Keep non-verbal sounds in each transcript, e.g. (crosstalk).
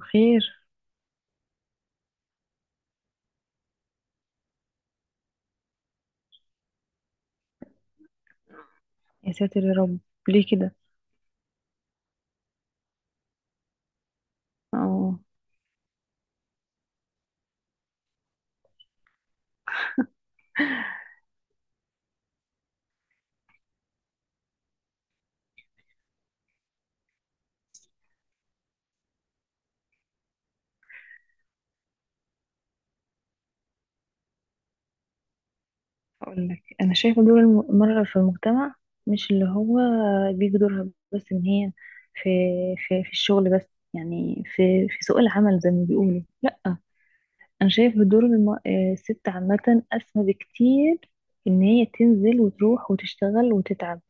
خير. يا ساتر يا رب، ليه كده؟ اه. اقول لك، انا شايفه دور المرأة في المجتمع مش اللي هو بيجي دورها، بس ان هي في في الشغل، بس يعني في سوق العمل زي ما بيقولوا. لا، انا شايفه دور الم- آه، الست عامة اسمى بكتير، ان هي تنزل وتروح وتشتغل وتتعب.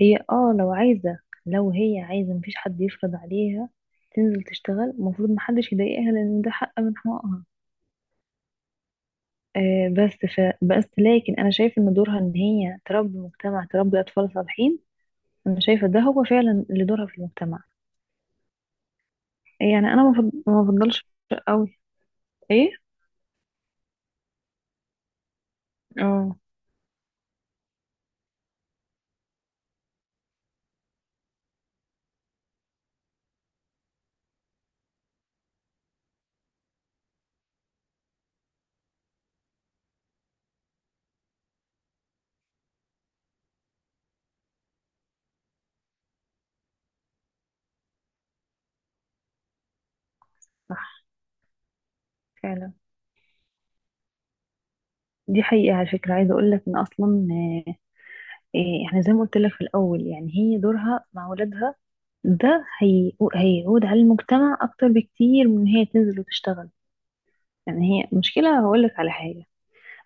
هي لو هي عايزة مفيش حد يفرض عليها. تنزل تشتغل، المفروض محدش يضايقها لان ده حق من حقوقها. بس لكن انا شايف ان دورها ان هي تربي مجتمع، تربي اطفال صالحين. انا شايفه ده هو فعلا اللي دورها في المجتمع. يعني انا ما بفضلش قوي. ايه. اه. صح. فعلا. دي حقيقه على فكره، عايزه اقول لك ان اصلا، احنا زي ما قلت لك في الاول، يعني هي دورها مع اولادها، ده هيعود على المجتمع اكتر بكتير من إن هي تنزل وتشتغل. يعني هي مشكله هقول لك على حاجه.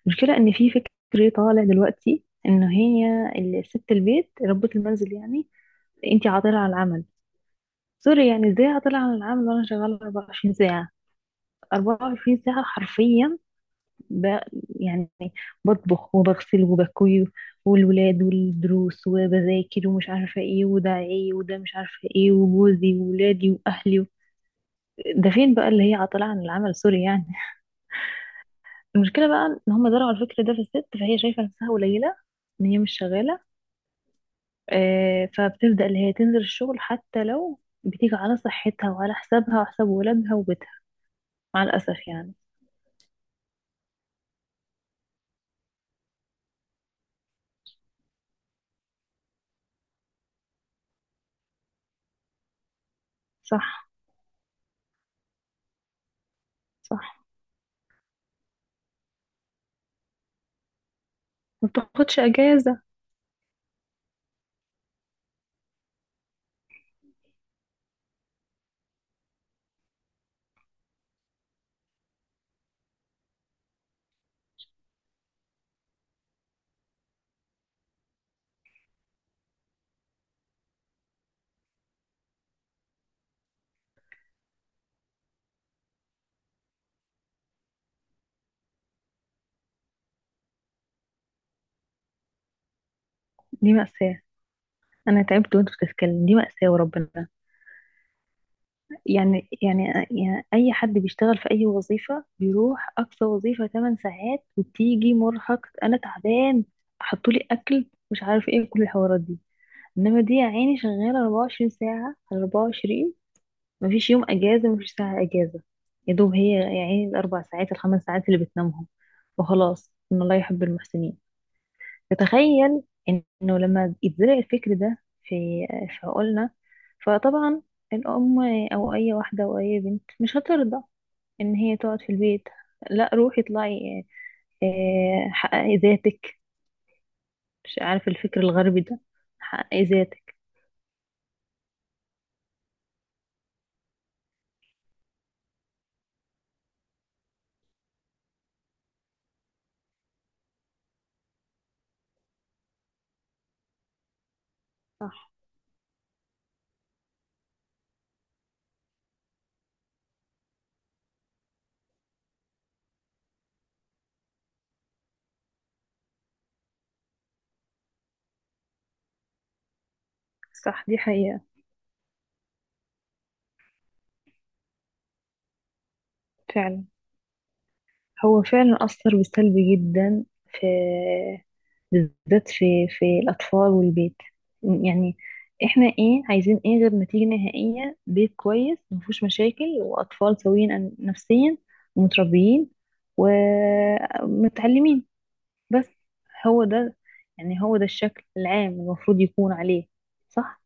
المشكلة ان في فكر طالع دلوقتي ان هي ست البيت ربة المنزل، يعني انتي عاطلة عن العمل. سوري يعني، ازاي عاطلة عن العمل وانا شغالة 24 ساعة؟ 24 ساعة حرفيا. ب... يعني بطبخ وبغسل وبكوي، والولاد والدروس وبذاكر ومش عارفة ايه، وده ايه وده مش عارفة ايه، وجوزي وولادي واهلي. ده فين بقى اللي هي عاطلة عن العمل؟ سوري يعني. المشكلة بقى ان هم زرعوا الفكر ده في الست، فهي شايفة نفسها قليلة ان هي مش شغالة. فبتبدأ اللي هي تنزل الشغل، حتى لو بتيجي على صحتها وعلى حسابها وحساب ولادها وبيتها، مع الأسف يعني. صح. صح. ما بتاخدش أجازة. دي مأساة، أنا تعبت وأنت بتتكلم، دي مأساة وربنا. يعني أي حد بيشتغل في أي وظيفة بيروح أقصى وظيفة 8 ساعات، وبتيجي مرهق أنا تعبان، حطولي أكل مش عارف إيه، كل الحوارات دي. إنما دي يا عيني شغالة 24 ساعة على 24، مفيش يوم اجازه مفيش ساعه اجازه، يا دوب هي يعني ال4 ساعات ال5 ساعات اللي بتنامهم، وخلاص، ان الله يحب المحسنين. فتخيل انه لما يتزرع الفكر ده في عقولنا، فطبعا الام او اي واحده او اي بنت مش هترضى ان هي تقعد في البيت. لا، روحي اطلعي، حققي ذاتك، مش عارف الفكر الغربي ده، حققي ذاتك. صح. صح. دي حقيقة فعلا. هو فعلا أثر بالسلب جدا، بالذات في الأطفال والبيت. يعني احنا ايه عايزين، ايه غير نتيجة نهائية بيت كويس مفهوش مشاكل، وأطفال سويين نفسيا، ومتربيين ومتعلمين. بس هو ده. يعني هو ده الشكل العام المفروض يكون عليه. صح.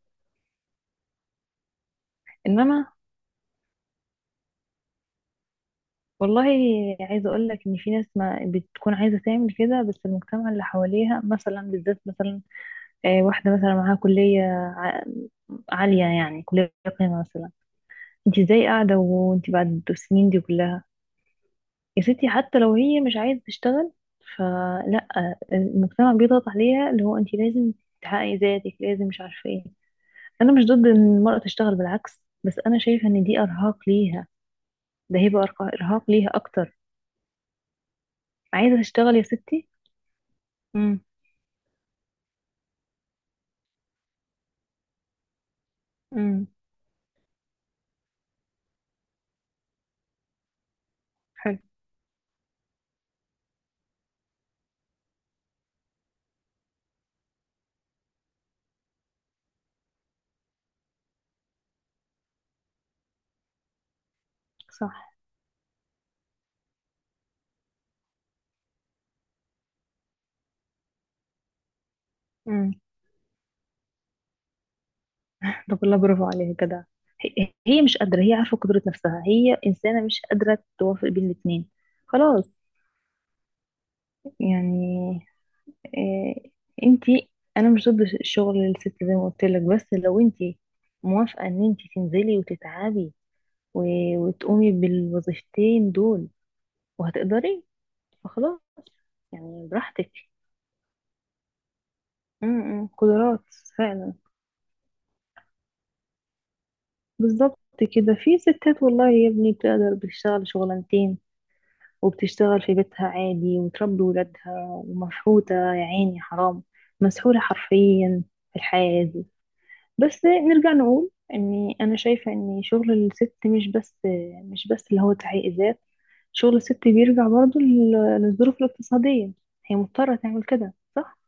إنما والله، عايزة أقول لك إن في ناس ما بتكون عايزة تعمل كده، بس المجتمع اللي حواليها مثلا، بالذات مثلا، واحدة مثلا معاها كلية ع- عالية يعني، كلية قيمة مثلا. انت ازاي قاعدة وانت بعد السنين دي كلها؟ يا ستي حتى لو هي مش عايزة تشتغل، فلا، المجتمع بيضغط عليها اللي هو انت لازم تحققي ذاتك، لازم مش عارفة ايه. انا مش ضد ان المرأة تشتغل بالعكس، بس انا شايفة ان دي ارهاق ليها، ده هيبقى ارهاق ليها اكتر. عايزة تشتغل يا ستي. امم. امم. حلو. صح. طب والله برافو عليها جدع. هي مش قادرة، هي عارفة قدرة نفسها، هي إنسانة مش قادرة توافق بين الاتنين. خلاص يعني. إيه. انتي. أنا مش ضد الشغل للست زي ما قلت لك، بس لو انتي موافقة إن انتي تنزلي وتتعبي وتقومي بالوظيفتين دول وهتقدري، فخلاص يعني، براحتك. م- م، قدرات، فعلا. بالظبط. كده في ستات والله يا ابني بتقدر بتشتغل شغلانتين، وبتشتغل في بيتها عادي، وتربي ولادها، ومفحوطة يا عيني حرام، مسحولة حرفيا في الحياة دي. بس نرجع نقول اني انا شايفة ان شغل الست مش بس، اللي هو تحقيق ذات. شغل الست بيرجع برضو للظروف الاقتصادية، هي مضطرة تعمل كده، صح؟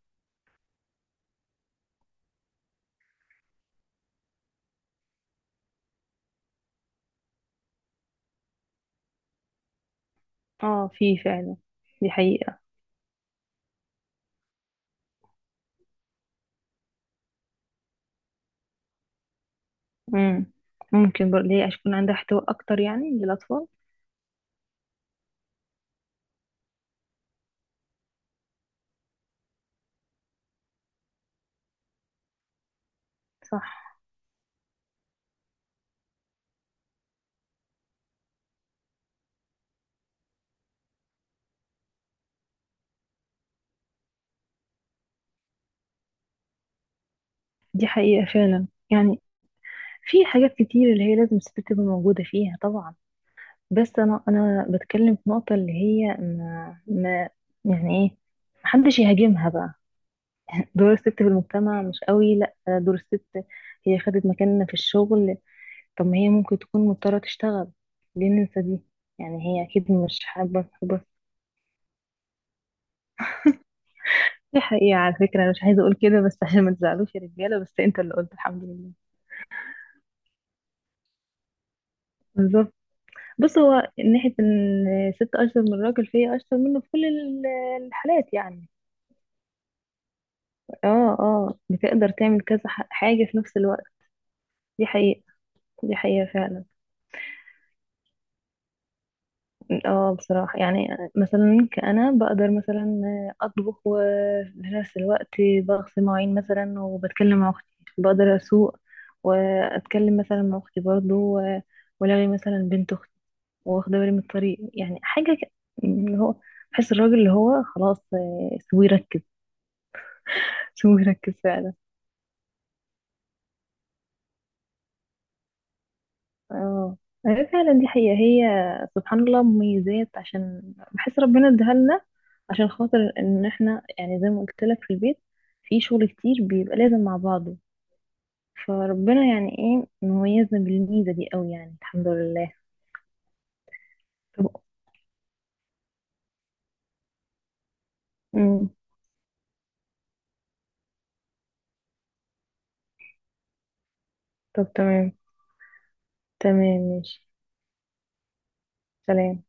اه في فعلا، دي حقيقة. مم. ممكن برضه ليه يكون عندها احتواء اكتر يعني للاطفال. صح. دي حقيقة فعلا، يعني في حاجات كتير اللي هي لازم الست تبقى موجودة فيها طبعا. بس انا بتكلم في نقطه اللي هي ما، يعني ايه، محدش يهاجمها بقى. (laughs) دور الست في المجتمع مش قوي، لا. دور الست، هي خدت مكاننا في الشغل، طب ما هي ممكن تكون مضطره تشتغل، ليه ننسى دي؟ يعني هي اكيد مش حابه حابه. دي حقيقه على فكره، انا مش عايزه اقول كده بس (laughs) عشان ما تزعلوش يا رجاله، بس انت اللي قلت، الحمد لله. بالظبط. بص، هو من ناحيه ان الست اشطر من الراجل، فهي اشطر منه في كل الحالات يعني. اه. اه. بتقدر تعمل كذا حاجة في نفس الوقت. دي حقيقة. دي حقيقة فعلا. اه بصراحة يعني، مثلا كأنا بقدر مثلا أطبخ وفي نفس الوقت بغسل مواعين مثلا وبتكلم مع أختي، بقدر أسوق وأتكلم مثلا مع أختي برضه ولغي مثلا بنت أختي، واخدة بالي من الطريق، يعني حاجة اللي هو، بحس الراجل اللي هو خلاص، سيبوه يركز. (laughs) سيبوه يركز فعلا. اه هي فعلا دي حقيقة. هي سبحان الله مميزات، عشان بحس ربنا اداها لنا عشان خاطر ان احنا، يعني زي ما قلت لك في البيت في شغل كتير بيبقى لازم مع بعضه، فربنا يعني ايه مميزنا بالميزة دي قوي يعني، الحمد لله. طب. امم طب تمام، تمام. ماشي. سلام.